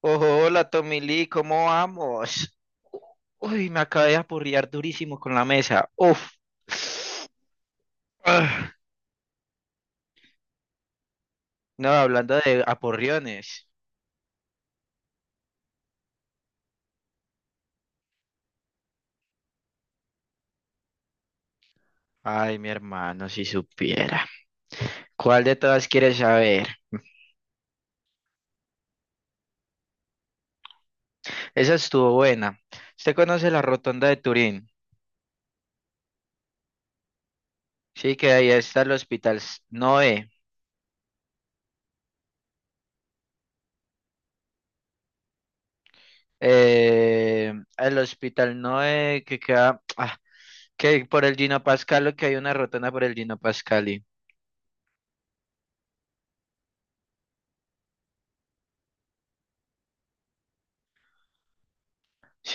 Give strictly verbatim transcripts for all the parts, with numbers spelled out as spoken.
Ojo, hola Tommy Lee, ¿cómo vamos? Uy, me acabé de aporrear durísimo con la mesa. Uf. Ah, no, hablando de aporreones. Ay, mi hermano, si supiera. ¿Cuál de todas quieres saber? Esa estuvo buena. ¿Usted conoce la rotonda de Turín? Sí, que ahí está el Hospital S- Noé. Eh, el Hospital Noé que queda, ah, que por el Gino Pascalo, que hay una rotonda por el Gino Pascali.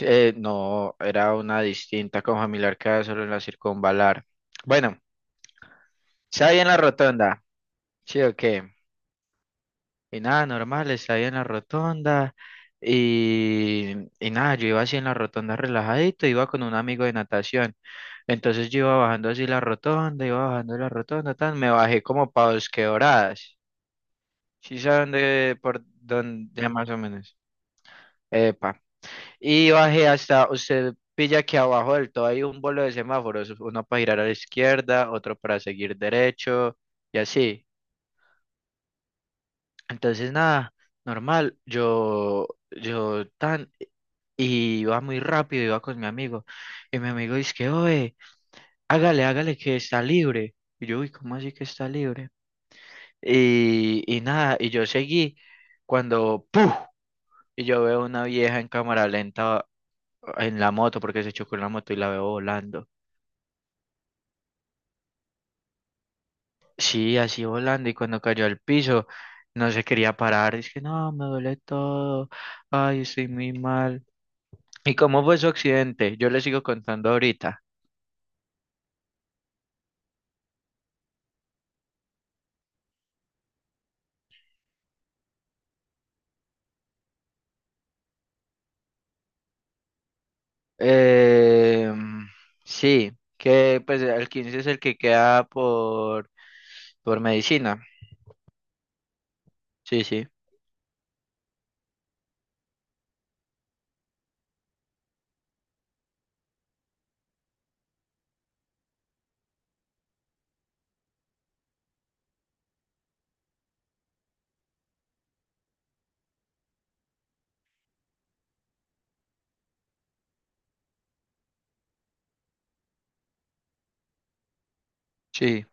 Eh, no, era una distinta con familiar que solo en la circunvalar. Bueno, estaba ahí en la rotonda, sí o qué. Y nada, normal, estaba ahí en la rotonda. Y, y nada, yo iba así en la rotonda relajadito, iba con un amigo de natación. Entonces yo iba bajando así la rotonda, iba bajando la rotonda, tan, me bajé como para Bosque Doradas. ¿Sí saben de por dónde más o menos? Epa. Y bajé hasta, usted pilla que abajo del todo hay un bolo de semáforos, uno para girar a la izquierda, otro para seguir derecho y así. Entonces nada, normal, yo, yo tan, y iba muy rápido, iba con mi amigo, y mi amigo dice que, oye, hágale, hágale que está libre. Y yo, uy, ¿cómo así que está libre? Y, y nada, y yo seguí cuando, ¡puf! Y yo veo una vieja en cámara lenta en la moto porque se chocó en la moto y la veo volando. Sí, así volando y cuando cayó al piso no se quería parar. Es que no, me duele todo. Ay, estoy muy mal. ¿Y cómo fue su accidente? Yo le sigo contando ahorita. Eh, sí, que pues el quince es el que queda por, por medicina. Sí, sí, sí.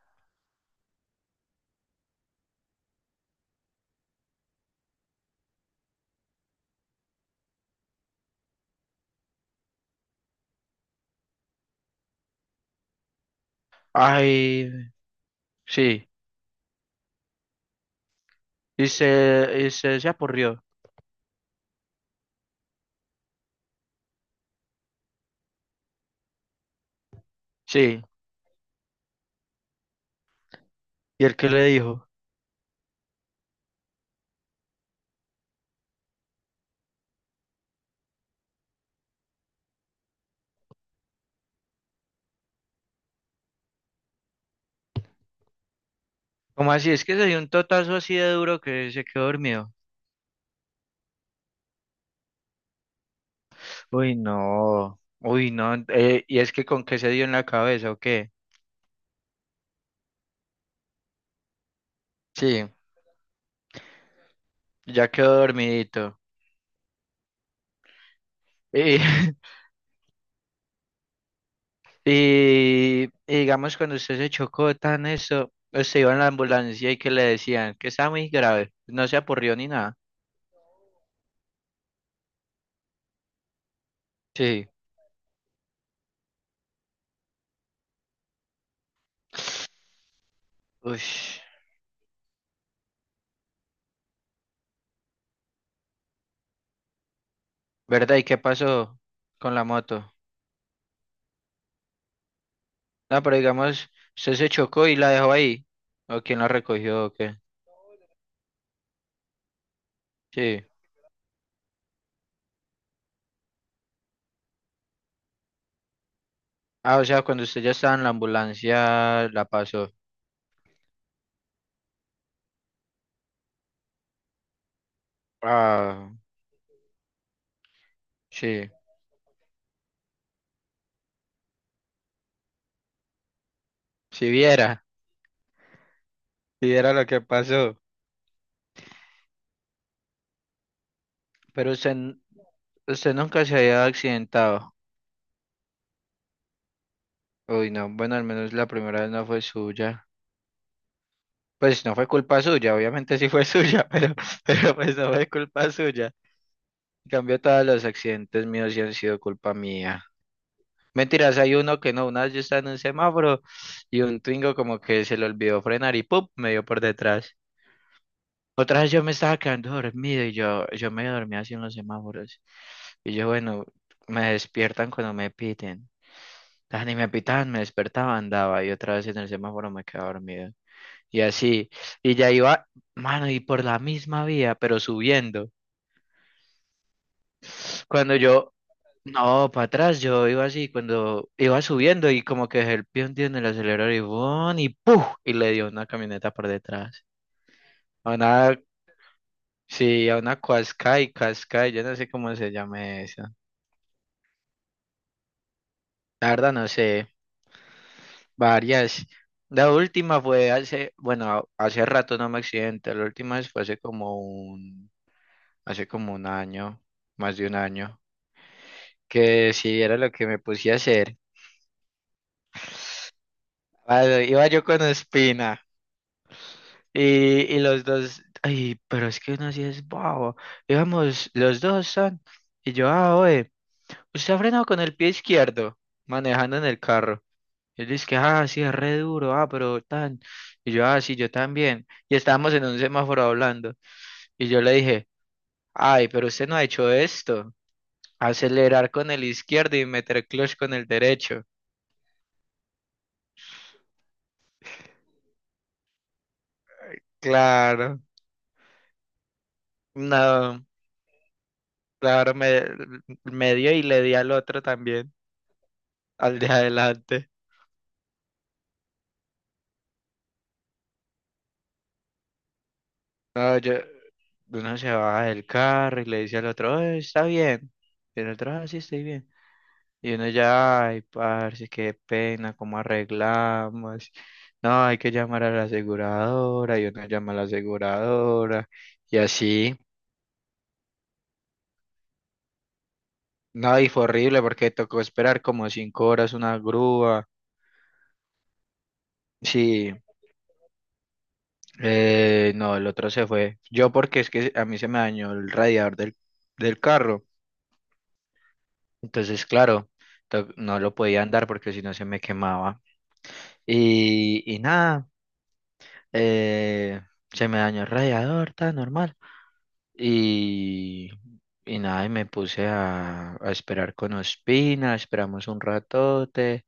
Ay, sí. Y se, y se, se apurrió. Sí. ¿Y el que le dijo? ¿Cómo así? Es que se dio un totazo así de duro que se quedó dormido. Uy, no, uy, no, eh, y es que con qué se dio en la cabeza o qué. Sí, ya quedó dormidito. Y, y, y digamos, cuando usted se chocó tan eso, usted iba en la ambulancia y que le decían que está muy grave, no se apurrió ni nada. Sí, uy, ¿verdad? ¿Y qué pasó con la moto? No, pero digamos, usted se chocó y la dejó ahí, o quién la recogió o qué. Sí, ah, o sea, cuando usted ya estaba en la ambulancia, la pasó. Ah, sí. Si viera, si viera lo que pasó. Pero usted, n- usted nunca se había accidentado. Uy, no, bueno, al menos la primera vez no fue suya. Pues no fue culpa suya, obviamente sí fue suya, pero, pero pues no fue culpa suya. En cambio, todos los accidentes míos sí han sido culpa mía. Mentiras, hay uno que no, una vez yo estaba en un semáforo y un Twingo como que se le olvidó frenar y ¡pum! Me dio por detrás. Otra vez yo me estaba quedando dormido y yo, yo me dormía así en los semáforos. Y yo, bueno, me despiertan cuando me piten. Ah, ni me pitaban, me despertaba, andaba y otra vez en el semáforo me quedaba dormido. Y así, y ya iba, mano, y por la misma vía, pero subiendo. Cuando yo, no, para atrás, yo iba así, cuando iba subiendo y como que dejé el pie hundido en el acelerador y ¡bum! Y ¡puf! Y le dio una camioneta por detrás. A una Sí, a una Cuascay, Cascay, yo no sé cómo se llama eso. La verdad no sé, varias. La última fue hace, bueno, hace rato no me accidenté, la última vez fue hace como un, hace como un año, más de un año, que sí era lo que me puse a hacer. Ah, iba yo con Espina y, y los dos, ay, pero es que uno sí es bobo. Íbamos, los dos son, y yo, ah, oye, usted ha frenado con el pie izquierdo, manejando en el carro. Él dice que, ah, sí, es re duro, ah, pero tan. Y yo, ah, sí, yo también. Y estábamos en un semáforo hablando. Y yo le dije, ay, pero usted no ha hecho esto. Acelerar con el izquierdo y meter clutch con el derecho. Claro, no, claro, me, me dio y le di al otro también, al de adelante. No, yo, uno se baja del carro y le dice al otro, "Eh, está bien. Y el otro, ah, sí, estoy bien. Y uno ya, ay, parce, qué pena, cómo arreglamos. No, hay que llamar a la aseguradora, y uno llama a la aseguradora, y así. No, y fue horrible porque tocó esperar como cinco horas una grúa. Sí, eh, no, el otro se fue. Yo porque es que a mí se me dañó el radiador del, del carro. Entonces, claro, to- no lo podía andar porque si no se me quemaba. Y, y nada, eh, se me dañó el radiador, tan normal. Y, y nada, y me puse a, a esperar con Ospina, esperamos un ratote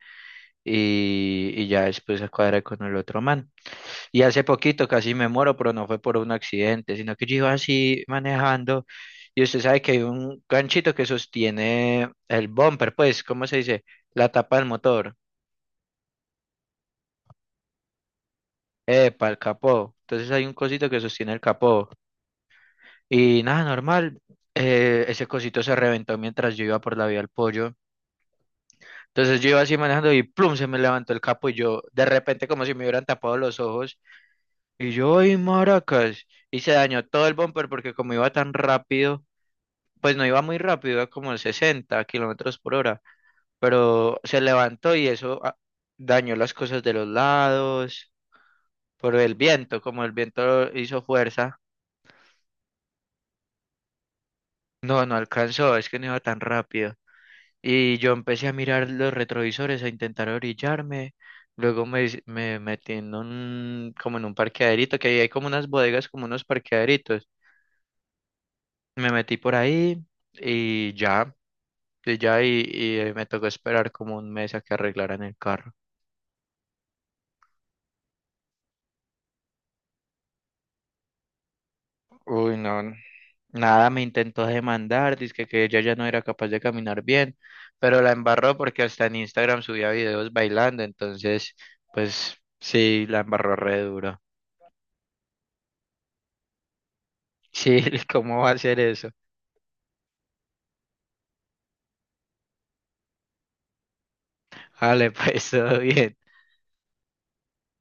y, y ya después a cuadrar con el otro man. Y hace poquito casi me muero, pero no fue por un accidente, sino que yo iba así manejando y usted sabe que hay un ganchito que sostiene el bumper, pues, ¿cómo se dice? La tapa del motor, epa, el capó. Entonces hay un cosito que sostiene el capó y nada, normal. Eh, ese cosito se reventó mientras yo iba por la vía al pollo. Entonces yo iba así manejando y plum, se me levantó el capo y yo, de repente, como si me hubieran tapado los ojos, y yo, ¡ay, maracas! Y se dañó todo el bumper porque como iba tan rápido, pues no iba muy rápido, iba como sesenta kilómetros por hora, pero se levantó y eso ah, dañó las cosas de los lados, por el viento, como el viento hizo fuerza, no, no alcanzó, es que no iba tan rápido. Y yo empecé a mirar los retrovisores, a intentar orillarme. Luego me, hice- me metí en un, como en un parqueaderito, que ahí hay como unas bodegas, como unos parqueaderitos. Me metí por ahí y ya, y ya, y, y, eh, me tocó esperar como un mes a que arreglaran el carro. Uy, no, n- nada, me intentó demandar, dice que ella ya no era capaz de caminar bien, pero la embarró porque hasta en Instagram subía videos bailando, entonces, pues sí, la embarró re duro. Sí, ¿cómo va a ser eso? Vale, pues todo bien.